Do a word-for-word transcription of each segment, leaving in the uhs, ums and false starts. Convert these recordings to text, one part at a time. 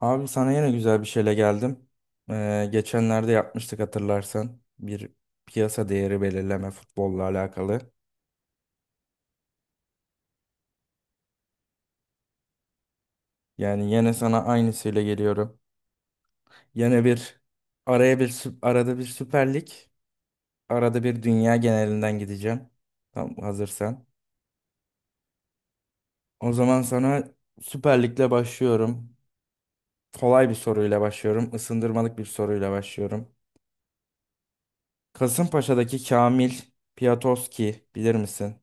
Abi sana yine güzel bir şeyle geldim. Ee, geçenlerde yapmıştık hatırlarsan. Bir piyasa değeri belirleme futbolla alakalı. Yani yine sana aynısıyla geliyorum. Yine bir araya bir sü- arada bir Süper Lig, arada bir dünya genelinden gideceğim. Tam hazırsan. O zaman sana Süper Lig'le başlıyorum. Kolay bir soruyla başlıyorum. Isındırmalık bir soruyla başlıyorum. Kasımpaşa'daki Kamil Piatovski bilir misin?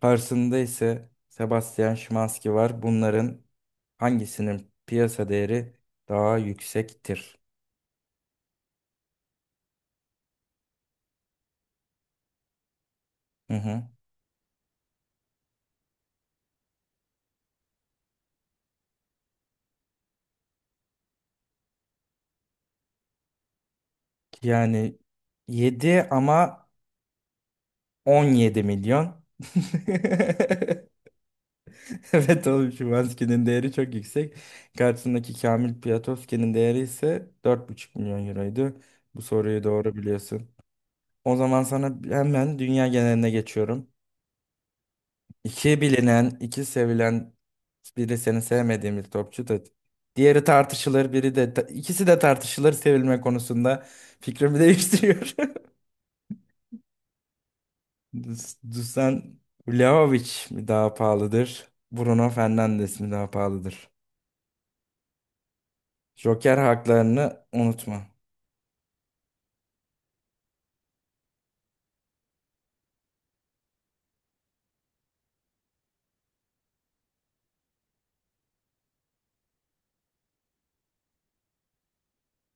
Karşısında ise Sebastian Szymanski var. Bunların hangisinin piyasa değeri daha yüksektir? Hı hı. Yani yedi ama on yedi milyon. Evet oğlum, Szymanski'nin değeri çok yüksek. Karşısındaki Kamil Piatowski'nin değeri ise dört buçuk milyon euroydu. Bu soruyu doğru biliyorsun. O zaman sana hemen dünya geneline geçiyorum. İki bilinen, iki sevilen, biri seni sevmediğim bir topçu da, diğeri tartışılır, biri de ikisi de tartışılır sevilme konusunda fikrimi değiştiriyor. Dus- Dusan Vlahovic mi daha pahalıdır? Bruno Fernandes mi daha pahalıdır? Joker haklarını unutma.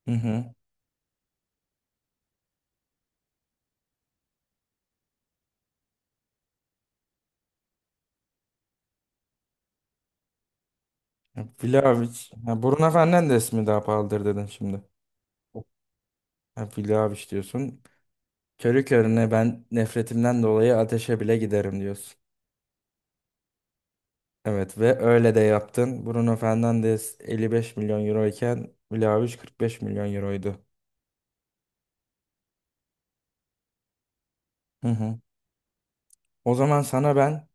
Hı hı. Ya, Vlahovic. Ha, Bruno Fernandes mi daha pahalıdır dedin şimdi. Ha, Vlahovic diyorsun. Körü körüne ben nefretimden dolayı ateşe bile giderim diyorsun. Evet ve öyle de yaptın. Bruno Fernandes elli beş milyon euro iken Vlahovic kırk beş milyon euroydu. Hı hı. O zaman sana ben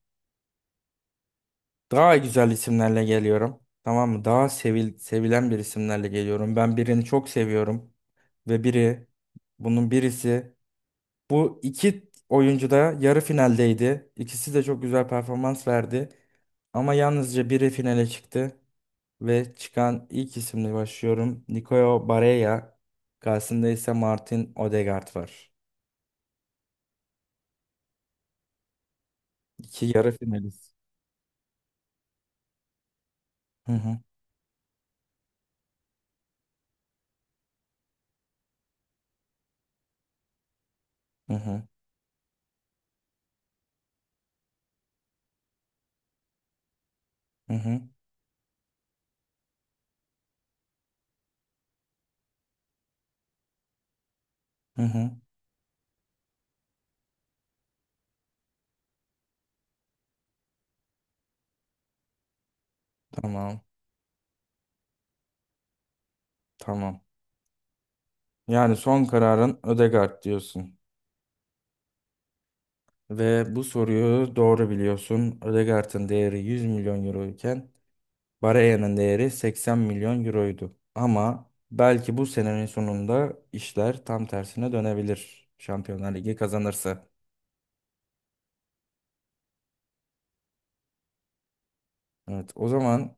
daha güzel isimlerle geliyorum. Tamam mı? Daha sevil sevilen bir isimlerle geliyorum. Ben birini çok seviyorum ve biri bunun birisi bu iki oyuncu da yarı finaldeydi. İkisi de çok güzel performans verdi. Ama yalnızca biri finale çıktı. Ve çıkan ilk isimle başlıyorum. Nicolas Barella. Karşısında ise Martin Odegaard var. İki yarı finalist. Hı hı hı. Hı hı. Hı hı. Hı. Tamam, tamam. Yani son kararın Odegaard diyorsun. Ve bu soruyu doğru biliyorsun. Odegaard'ın değeri yüz milyon euro iken Barella'nın değeri seksen milyon euroydu. Ama belki bu senenin sonunda işler tam tersine dönebilir. Şampiyonlar Ligi kazanırsa. Evet, o zaman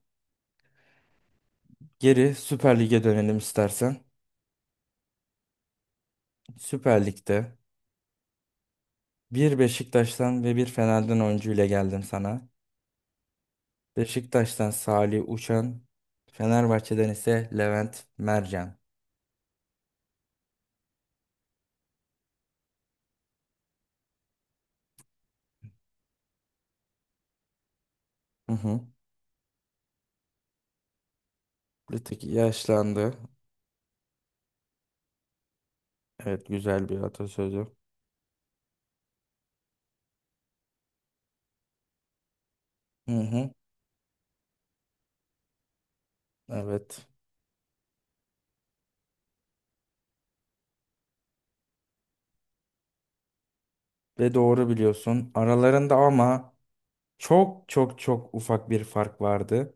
geri Süper Lig'e dönelim istersen. Süper Lig'de bir Beşiktaş'tan ve bir Fener'den oyuncu ile geldim sana. Beşiktaş'tan Salih Uçan, Fenerbahçe'den ise Levent Mercan. Hı hı. Bir tık yaşlandı. Evet, güzel bir atasözü. Hı hı. Evet. Ve doğru biliyorsun. Aralarında ama çok çok çok ufak bir fark vardı.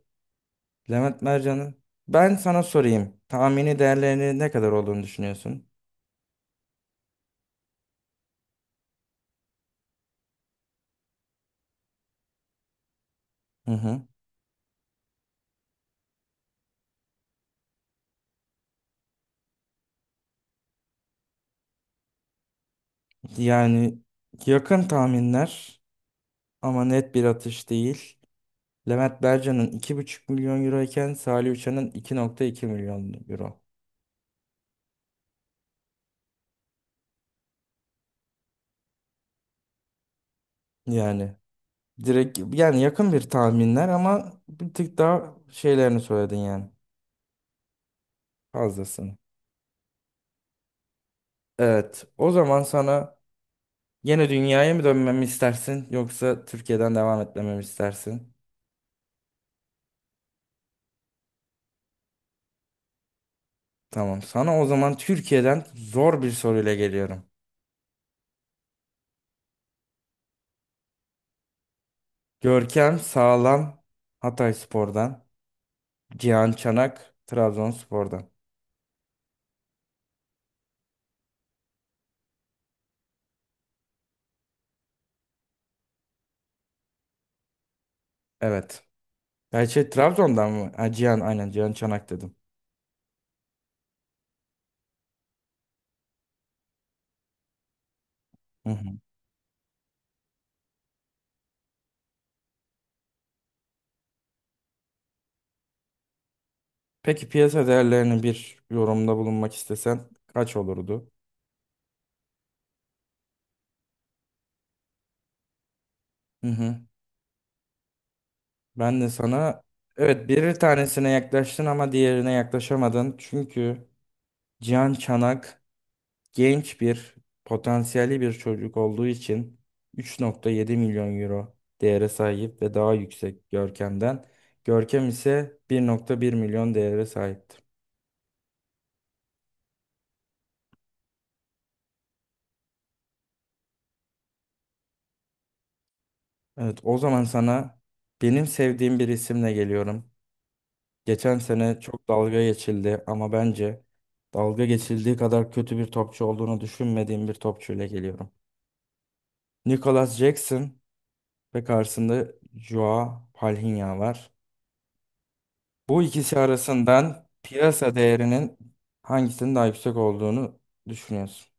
Levent Mercan'ın, ben sana sorayım. Tahmini değerlerini ne kadar olduğunu düşünüyorsun? Hı hı. Yani yakın tahminler ama net bir atış değil. Levent Bercan'ın iki buçuk milyon euro iken Salih Uçan'ın iki nokta iki milyon euro. Yani direkt yani yakın bir tahminler ama bir tık daha şeylerini söyledin yani fazlasını. Evet, o zaman sana yine dünyaya mı dönmemi istersin yoksa Türkiye'den devam etmemi istersin? Tamam, sana o zaman Türkiye'den zor bir soruyla geliyorum. Görkem Sağlam Hatayspor'dan. Cihan Çanak Trabzonspor'dan. Evet. Ya şey, Trabzon'dan mı? Ha, Cihan, aynen Cihan Çanak dedim. Hı hı. Peki piyasa değerlerini bir yorumda bulunmak istesen kaç olurdu? Hı hı. Ben de sana, evet, bir tanesine yaklaştın ama diğerine yaklaşamadın. Çünkü Cihan Çanak genç bir potansiyelli bir çocuk olduğu için üç nokta yedi milyon euro değere sahip ve daha yüksek Görkem'den. Görkem ise bir nokta bir milyon değere sahip. Evet, o zaman sana benim sevdiğim bir isimle geliyorum. Geçen sene çok dalga geçildi ama bence dalga geçildiği kadar kötü bir topçu olduğunu düşünmediğim bir topçuyla geliyorum. Nicholas Jackson ve karşısında Joao Palhinha var. Bu ikisi arasından piyasa değerinin hangisinin daha yüksek olduğunu düşünüyorsun?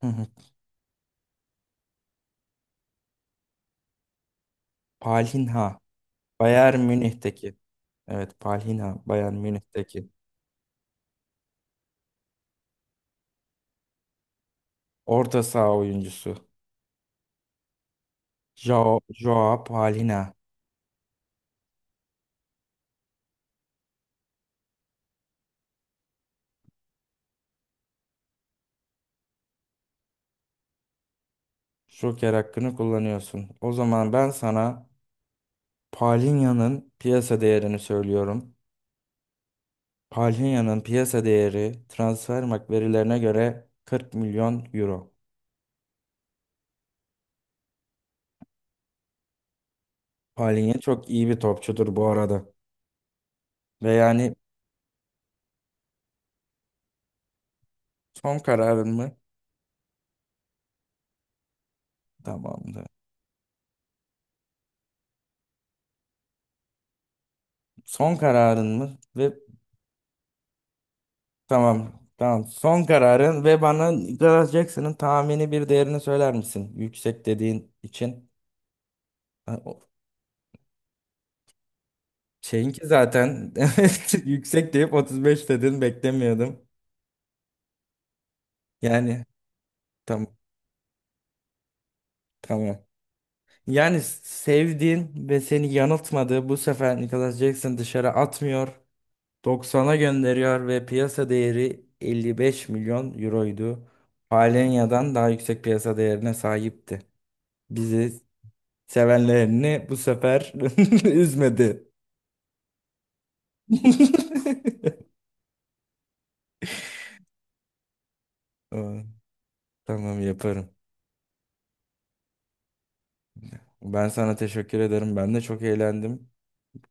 Hı hı. Palhinha, Bayern Münih'teki. Evet, Palhinha, Bayern Münih'teki orta saha oyuncusu. Jao- Joao Palhinha. Joker hakkını kullanıyorsun. O zaman ben sana Palhinha'nın piyasa değerini söylüyorum. Palhinha'nın piyasa değeri Transfermarkt verilerine göre kırk milyon euro. Palhinha çok iyi bir topçudur bu arada. Ve yani son kararın mı? Tamamdır. Son kararın mı? Ve tamam. Tamam. Son kararın, ve bana Nicolas Jackson'ın tahmini bir değerini söyler misin? Yüksek dediğin için. Ha, o- şeyinki zaten evet, yüksek deyip otuz beş dedin, beklemiyordum. Yani tam tamam. Yani sevdiğin ve seni yanıltmadığı bu sefer Nicholas Jackson dışarı atmıyor. doksana gönderiyor ve piyasa değeri elli beş milyon euroydu. Palenya'dan daha yüksek piyasa değerine sahipti. Bizi sevenlerini bu sefer üzmedi. Aa, tamam yaparım. Ben sana teşekkür ederim. Ben de çok eğlendim.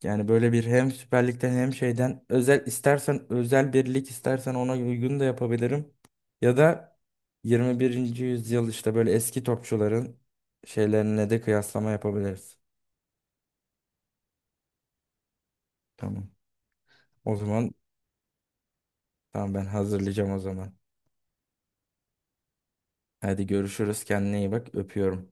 Yani böyle bir hem Süper Lig'den hem şeyden özel istersen, özel bir lig istersen ona uygun da yapabilirim. Ya da yirmi birinci yüzyıl işte böyle eski topçuların şeylerine de kıyaslama yapabiliriz. Tamam. O zaman tamam, ben hazırlayacağım o zaman. Hadi görüşürüz. Kendine iyi bak. Öpüyorum.